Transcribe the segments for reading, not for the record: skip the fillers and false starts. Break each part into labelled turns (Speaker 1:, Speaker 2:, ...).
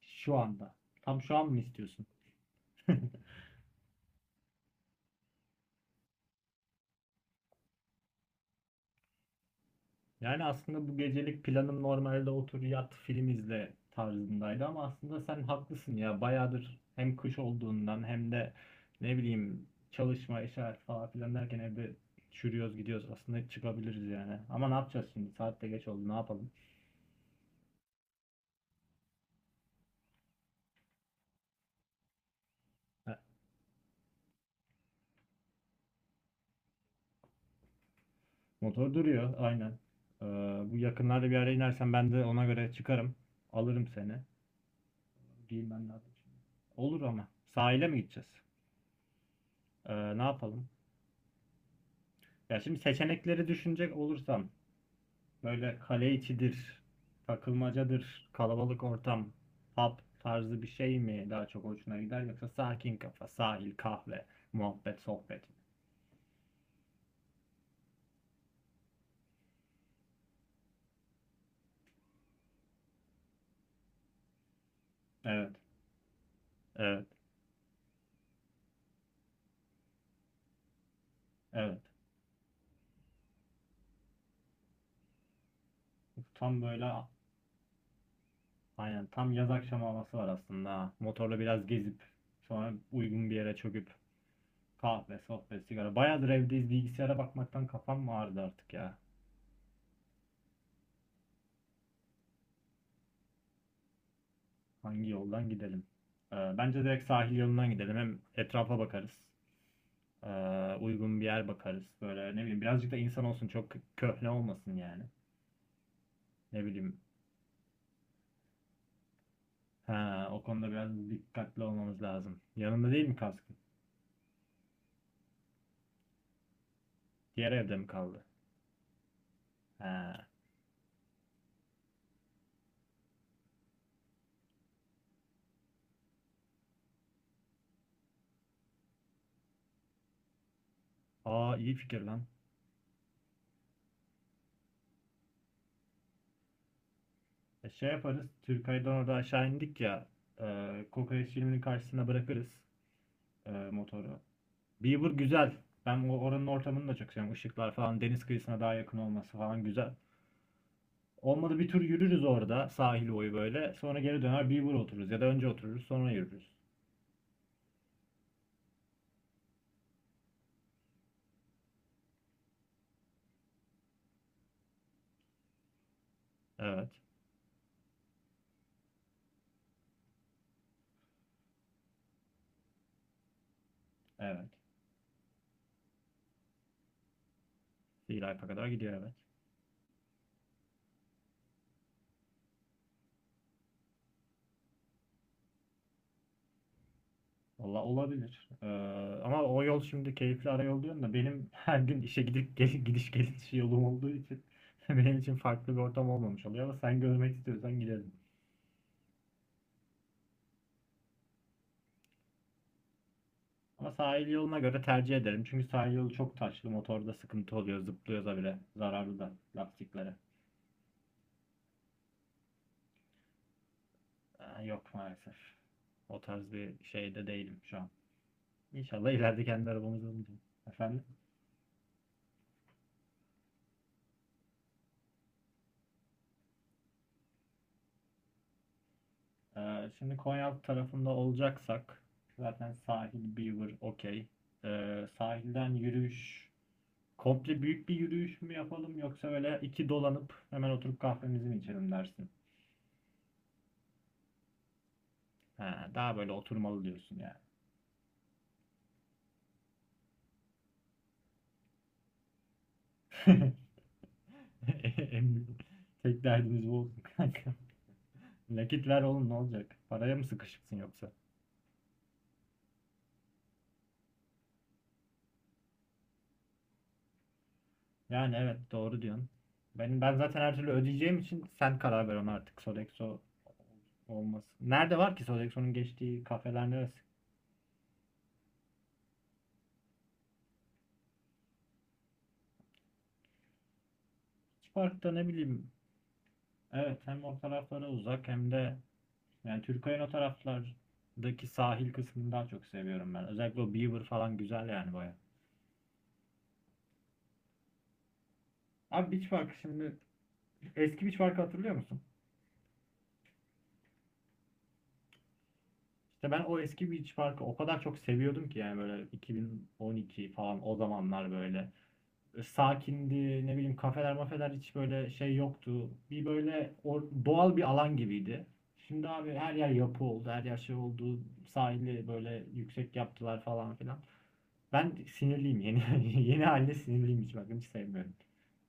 Speaker 1: Şu anda. Tam şu an mı istiyorsun? Yani aslında bu gecelik planım normalde otur yat film izle tarzındaydı ama aslında sen haklısın ya. Bayağıdır hem kış olduğundan hem de ne bileyim çalışma, iş hayatı falan filan derken evde çürüyoruz gidiyoruz. Aslında çıkabiliriz yani. Ama ne yapacağız şimdi? Saat de geç oldu. Ne yapalım? Ha, motor duruyor aynen. Ee, Bu yakınlarda bir ara inersen ben de ona göre çıkarım. Alırım seni. Giyinmem lazım şimdi. Olur ama. Sahile mi gideceğiz? Ne yapalım? Ya şimdi seçenekleri düşünecek olursam böyle kale içidir, takılmacadır, kalabalık ortam, pub tarzı bir şey mi daha çok hoşuna gider yoksa sakin kafa, sahil, kahve, muhabbet, sohbet mi? Evet, evet, evet. Tam böyle aynen tam yaz akşamı havası var aslında. Ha. Motorla biraz gezip sonra uygun bir yere çöküp kahve, sohbet, sigara. Bayağıdır evdeyiz bilgisayara bakmaktan kafam mı ağrıdı artık ya. Hangi yoldan gidelim? Bence direkt sahil yolundan gidelim. Hem etrafa bakarız. Ee, Uygun bir yer bakarız. Böyle ne bileyim birazcık da insan olsun. Çok köhne olmasın yani. Ne bileyim. Ha, o konuda biraz dikkatli olmamız lazım. Yanında değil mi kaskın? Diğer evde mi kaldı? Ha. Aa, iyi fikir lan. E, şey yaparız. Türkay'dan orada aşağı indik ya. E, kokoreç filminin karşısına bırakırız motoru. Beaver güzel. Ben oranın ortamını da çok seviyorum. Işıklar falan, deniz kıyısına daha yakın olması falan güzel. Olmadı bir tur yürürüz orada sahil boyu böyle. Sonra geri döner Beaver otururuz ya da önce otururuz sonra yürürüz. Evet. Evet. Silaypa kadar gidiyor evet. Valla olabilir. Ama o yol şimdi keyifli ara yol diyorsun da benim her gün işe gidip gel gidiş geliş yolum olduğu için benim için farklı bir ortam olmamış oluyor ama sen görmek istiyorsan gidelim. Ama sahil yoluna göre tercih ederim. Çünkü sahil yolu çok taşlı. Motorda sıkıntı oluyor. Zıplıyoruz da bile. Zararlı da lastiklere. Aa, yok maalesef. O tarz bir şeyde değilim şu an. İnşallah ileride kendi arabamız olacak. Efendim? Şimdi Konyaaltı tarafında olacaksak zaten sahil, Beaver okey. Sahilden yürüyüş komple büyük bir yürüyüş mü yapalım yoksa öyle iki dolanıp hemen oturup kahvemizi mi içelim dersin? Ha, daha böyle oturmalı diyorsun yani. En büyük- Tek derdimiz bu olsun kanka. Nakit ver oğlum ne olacak? Paraya mı sıkışıksın yoksa? Yani evet doğru diyorsun. Ben zaten her türlü ödeyeceğim için sen karar ver ona artık Sodexo olmasın. Nerede var ki Sodexo'nun geçtiği kafeler neresi? Park'ta ne bileyim. Evet, hem o taraflara uzak hem de yani Türkiye'nin o taraflardaki sahil kısmını daha çok seviyorum ben. Özellikle o Beaver falan güzel yani baya. Abi Beach Park şimdi eski Beach Park'ı hatırlıyor musun? İşte ben o eski Beach Park'ı o kadar çok seviyordum ki yani böyle 2012 falan o zamanlar böyle sakindi ne bileyim kafeler mafeler hiç böyle şey yoktu. Bir böyle o, doğal bir alan gibiydi. Şimdi abi her yer yapı oldu, her yer şey oldu. Sahili böyle yüksek yaptılar falan filan. Ben sinirliyim yeni yeni haline sinirliyim hiç bakın hiç sevmiyorum.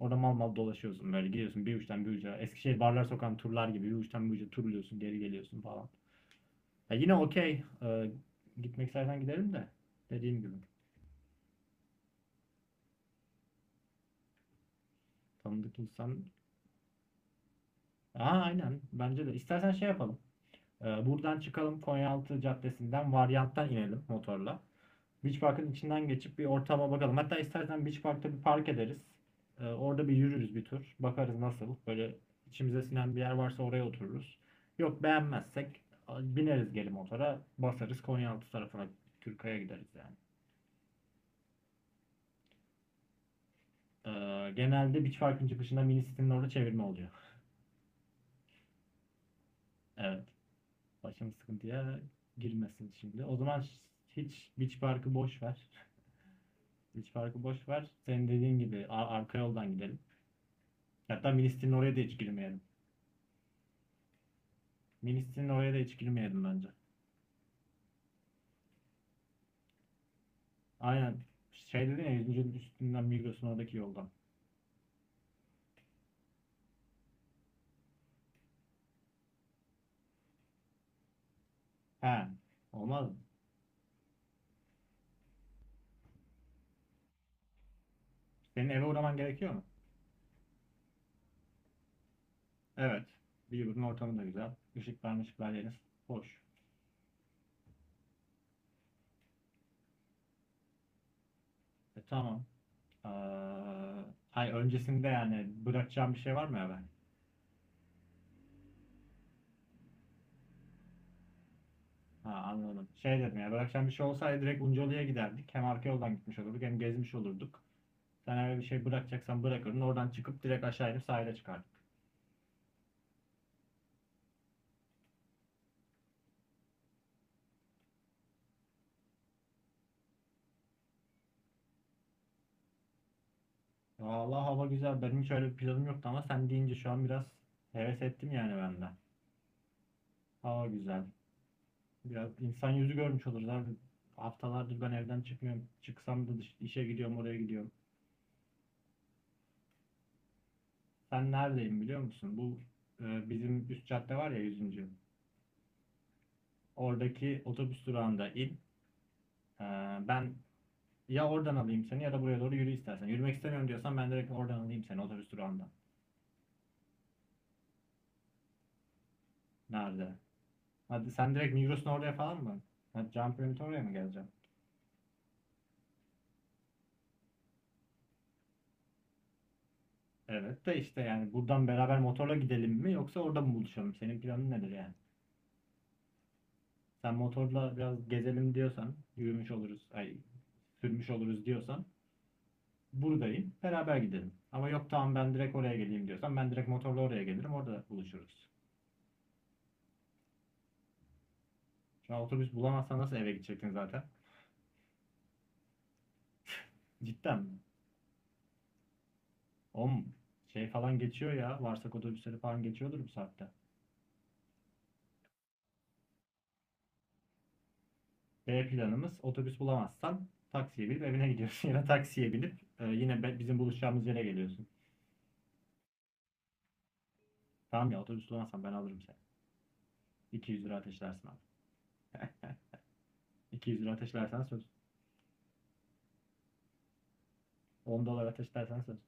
Speaker 1: Orada mal mal dolaşıyorsun böyle gidiyorsun bir uçtan bir uca. Eskişehir Barlar Sokağı'nın turlar gibi bir uçtan bir uca turluyorsun geri geliyorsun falan. Ya yine okey. Gitmek istersen gidelim de. Dediğim gibi. Tanıdık insan. Aa, aynen. Bence de. İstersen şey yapalım. Buradan çıkalım. Konyaaltı Caddesi'nden varyanttan inelim motorla. Beach Park'ın içinden geçip bir ortama bakalım. Hatta istersen Beach Park'ta bir park ederiz. Orada bir yürürüz bir tur. Bakarız nasıl. Böyle içimize sinen bir yer varsa oraya otururuz. Yok beğenmezsek bineriz geri motora. Basarız Konyaaltı tarafına. Türkaya gideriz yani. Ee, Genelde Beach Park'ın çıkışında mini sitenin orada çevirme oluyor. Evet. Başımız sıkıntıya girmesin şimdi. O zaman hiç Beach Park'ı boş ver. Beach Park'ı boş ver. Senin dediğin gibi arka yoldan gidelim. Hatta mini sitenin oraya da hiç girmeyelim. Mini sitenin oraya da hiç girmeyelim bence. Aynen. Şey dedin ya 100. üstünden Migros'un oradaki yoldan. He. Olmaz mı? Senin eve uğraman gerekiyor mu? Evet. Beaver'ın ortamı da güzel. Işıklar mışıklar yeriz. Hoş. E tamam. Ee, hayır öncesinde yani bırakacağım bir şey var mı ya ben? Ha, anladım. Şey dedim ya bırakacağım bir şey olsaydı direkt Uncalı'ya giderdik. Hem arka yoldan gitmiş olurduk hem gezmiş olurduk. Sen eğer bir şey bırakacaksan bırakırdın. Oradan çıkıp direkt aşağı inip sahile çıkardık. Vallahi hava güzel. Benim hiç öyle bir planım yoktu ama sen deyince şu an biraz heves ettim yani ben de. Hava güzel. Biraz insan yüzü görmüş oluruz abi. Haftalardır ben evden çıkmıyorum. Çıksam da işe gidiyorum, oraya gidiyorum. Ben neredeyim biliyor musun? Bu bizim üst cadde var ya yüzüncü. Oradaki otobüs durağında in. E, ben ya oradan alayım seni ya da buraya doğru yürü istersen. Yürümek istemiyorum diyorsan ben direkt oradan alayım seni otobüs durağından. Nerede? Hadi sen direkt Migros'un oraya falan mı? Ha, Can Piramit'e oraya mı geleceğim? Evet de işte yani buradan beraber motorla gidelim mi yoksa orada mı buluşalım? Senin planın nedir yani? Sen motorla biraz gezelim diyorsan, yürümüş oluruz, ay sürmüş oluruz diyorsan buradayım. Beraber gidelim. Ama yok tamam ben direkt oraya geleyim diyorsan ben direkt motorla oraya gelirim. Orada buluşuruz. Şu an otobüs bulamazsan nasıl eve gidecektin zaten? Cidden. Om Şey falan geçiyor ya. Varsak otobüsleri falan geçiyordur bu saatte. B planımız otobüs bulamazsan taksiye binip evine gidiyorsun. Ya da taksiye binip yine bizim buluşacağımız yere geliyorsun. Tamam ya otobüs bulamazsan ben alırım seni. 200 lira ateşlersin abi. 200 lira ateşlersen söz. 10 dolar ateşlersen söz.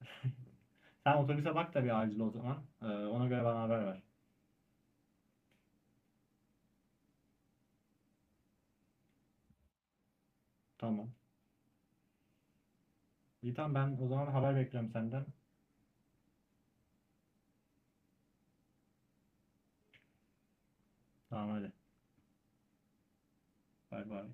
Speaker 1: Sen otobüse bak da bir acil o zaman. Ona göre bana haber ver. Tamam. İyi tamam ben o zaman haber bekliyorum senden. Tamam hadi. Bay bay.